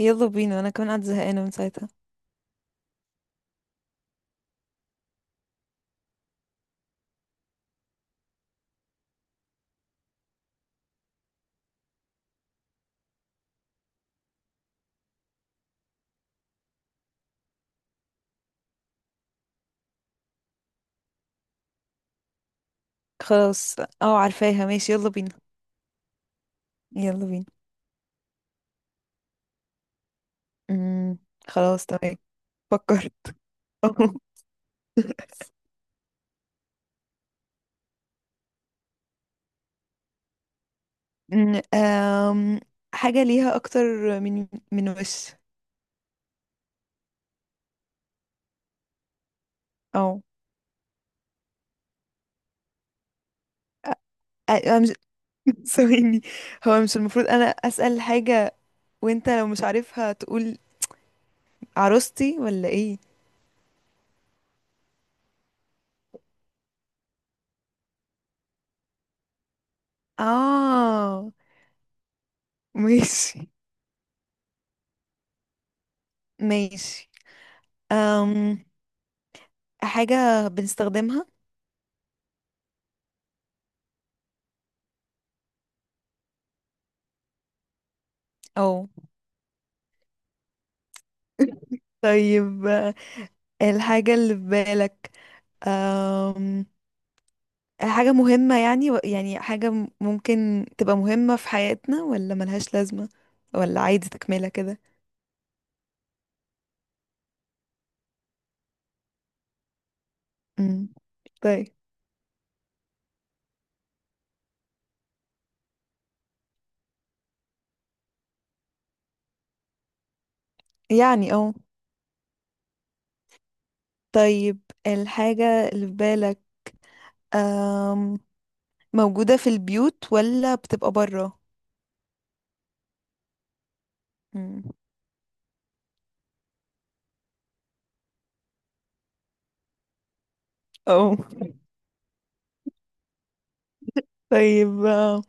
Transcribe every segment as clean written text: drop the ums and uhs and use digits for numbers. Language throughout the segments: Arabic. يلا بينا، انا كمان قاعدة زهقانة من ساعتها. خلاص. اه، عارفاها. ماشي، يلا بينا، يلا بينا. امم. خلاص، تمام. فكر. أمم، آم، حاجة ليها أكتر من وش؟ أو. أنا مش ثواني. هو مش المفروض أنا أسأل حاجة، وأنت لو مش عارفها تقول عروستي ولا إيه؟ آه، ماشي ماشي. أم... حاجة بنستخدمها. أو. طيب، الحاجة اللي في بالك أم... حاجة مهمة، يعني حاجة ممكن تبقى مهمة في حياتنا، ولا ملهاش لازمة، ولا عادي تكملة كده؟ امم. طيب. يعني اه. طيب، الحاجة اللي في بالك أم... موجودة في البيوت ولا بتبقى برا؟ امم. اه. طيب،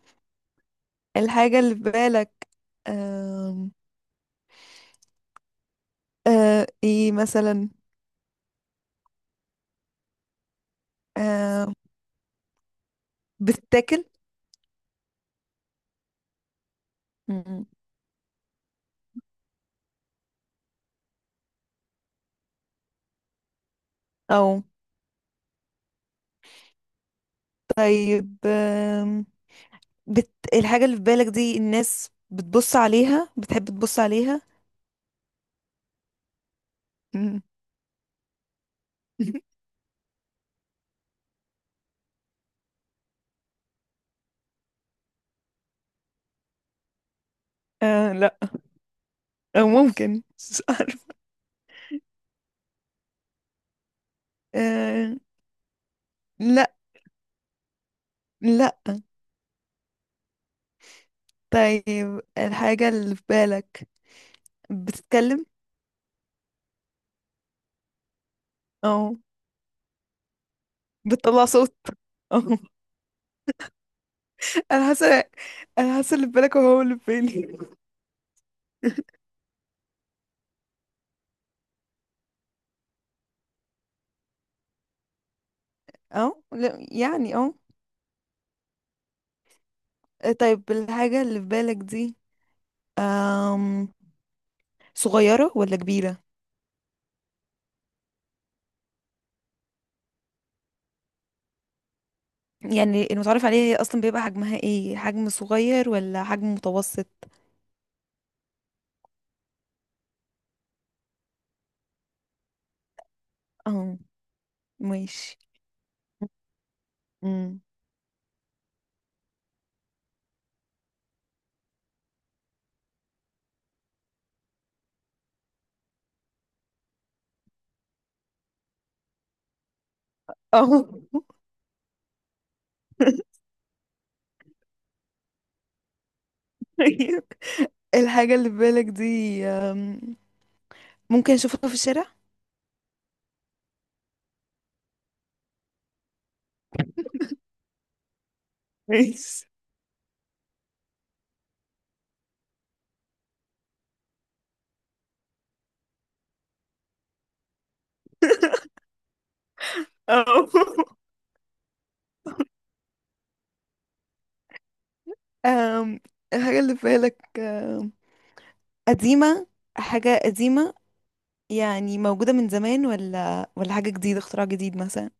الحاجة اللي في بالك أم... ايه مثلا؟ أم... بتتاكل؟ امم. او. طيب، الحاجة اللي في بالك دي الناس بتبص عليها، بتحب تبص عليها؟ مم. آه، لا. أو ممكن مش عارف. آه، لا، لا. طيب، الحاجة اللي في بالك بتتكلم؟ أو. بتطلع صوت؟ أو. أنا حاسة أنا حاسة اللي في بالك هو اللي في بالي. أو، لا يعني، أو. طيب، الحاجة اللي في بالك دي آم... صغيرة ولا كبيرة؟ يعني المتعارف عليها هي اصلا بيبقى حجمها ايه، حجم صغير ولا حجم متوسط؟ اه. ماشي. امم. اه. طيب. الحاجة اللي في بالك دي ممكن اشوفها في الشارع؟ ماشي. اه. أم، الحاجة اللي في بالك أم، قديمة حاجة قديمة؟ يعني موجودة من زمان، ولا حاجة جديدة، اختراع جديد مثلا؟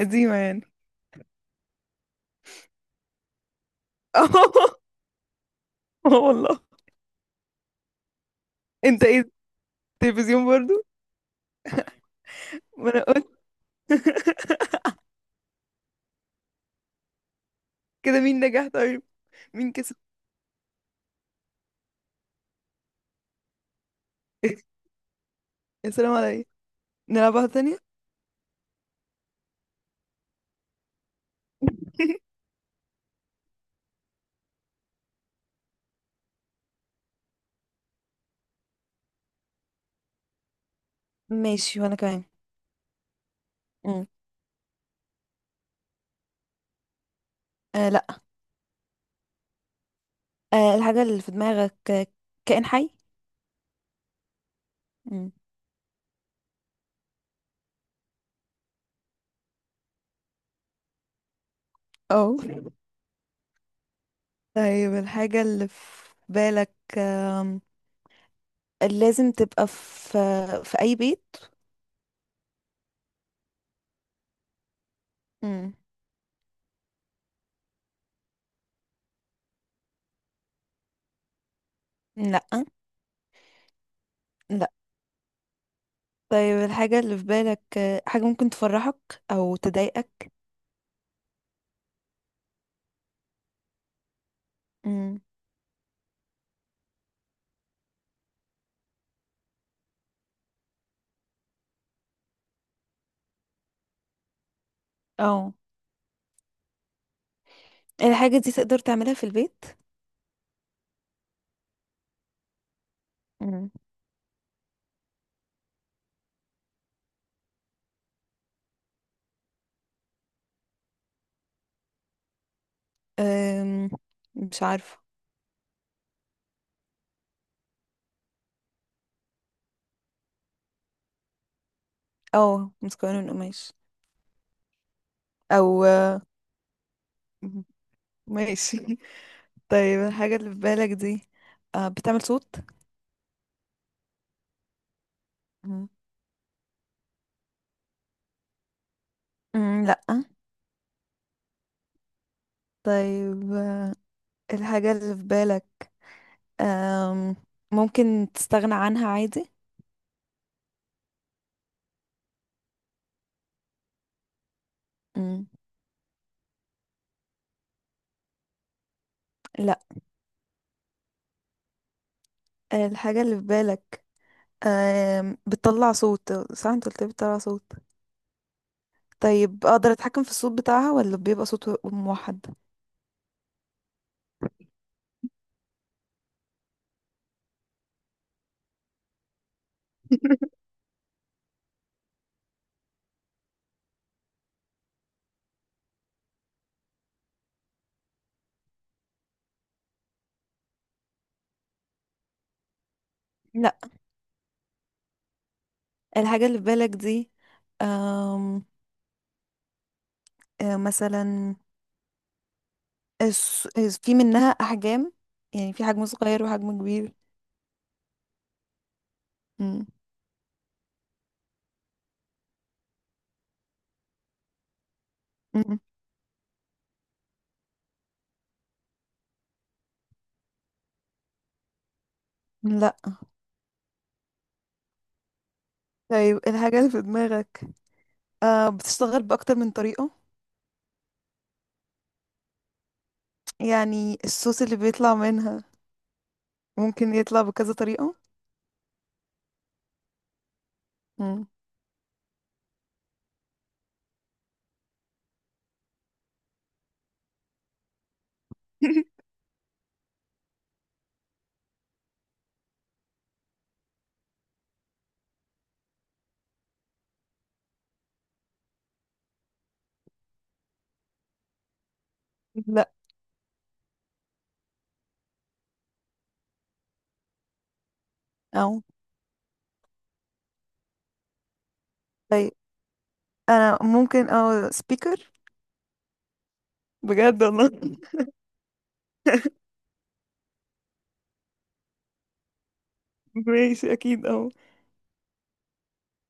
قديمة يعني. اه. والله. انت ايه؟ التلفزيون برضو؟ ما انا قلت. كده مين نجح طيب؟ مين كسب؟ يا سلام عليا، نلعبها تانية. ماشي، وانا كمان. مم. آه، لا. الحاجة اللي في دماغك كائن حي؟ مم. اه. طيب، الحاجة اللي في بالك لازم تبقى في اي بيت؟ مم. لا، لا. طيب، الحاجة اللي في بالك حاجة ممكن تفرحك او تضايقك؟ مم. اه. الحاجة دي تقدر تعملها في البيت؟ مم. أم، مش عارفة. اه، متكونة من قماش. او. ماشي. طيب، الحاجة اللي في بالك دي بتعمل صوت؟ مم. مم، لأ. طيب، الحاجة اللي في بالك آم، ممكن تستغنى عنها عادي؟ مم، لأ. الحاجة اللي في بالك بتطلع صوت، صح؟ انت قلت لي بتطلع صوت. طيب، اقدر اتحكم في الصوت بتاعها ولا بيبقى صوت موحد؟ لأ. الحاجة اللي في بالك دي آم، آه، مثلا في منها أحجام؟ يعني في حجم صغير وحجم كبير؟ مم. مم. لا. طيب، الحاجة اللي في دماغك بتشتغل بأكتر من طريقة؟ يعني الصوص اللي بيطلع منها ممكن يطلع بكذا طريقة. مم. لا. أو. طيب، أنا ممكن، أو، سبيكر. بجد والله. ماشي، أكيد. أو.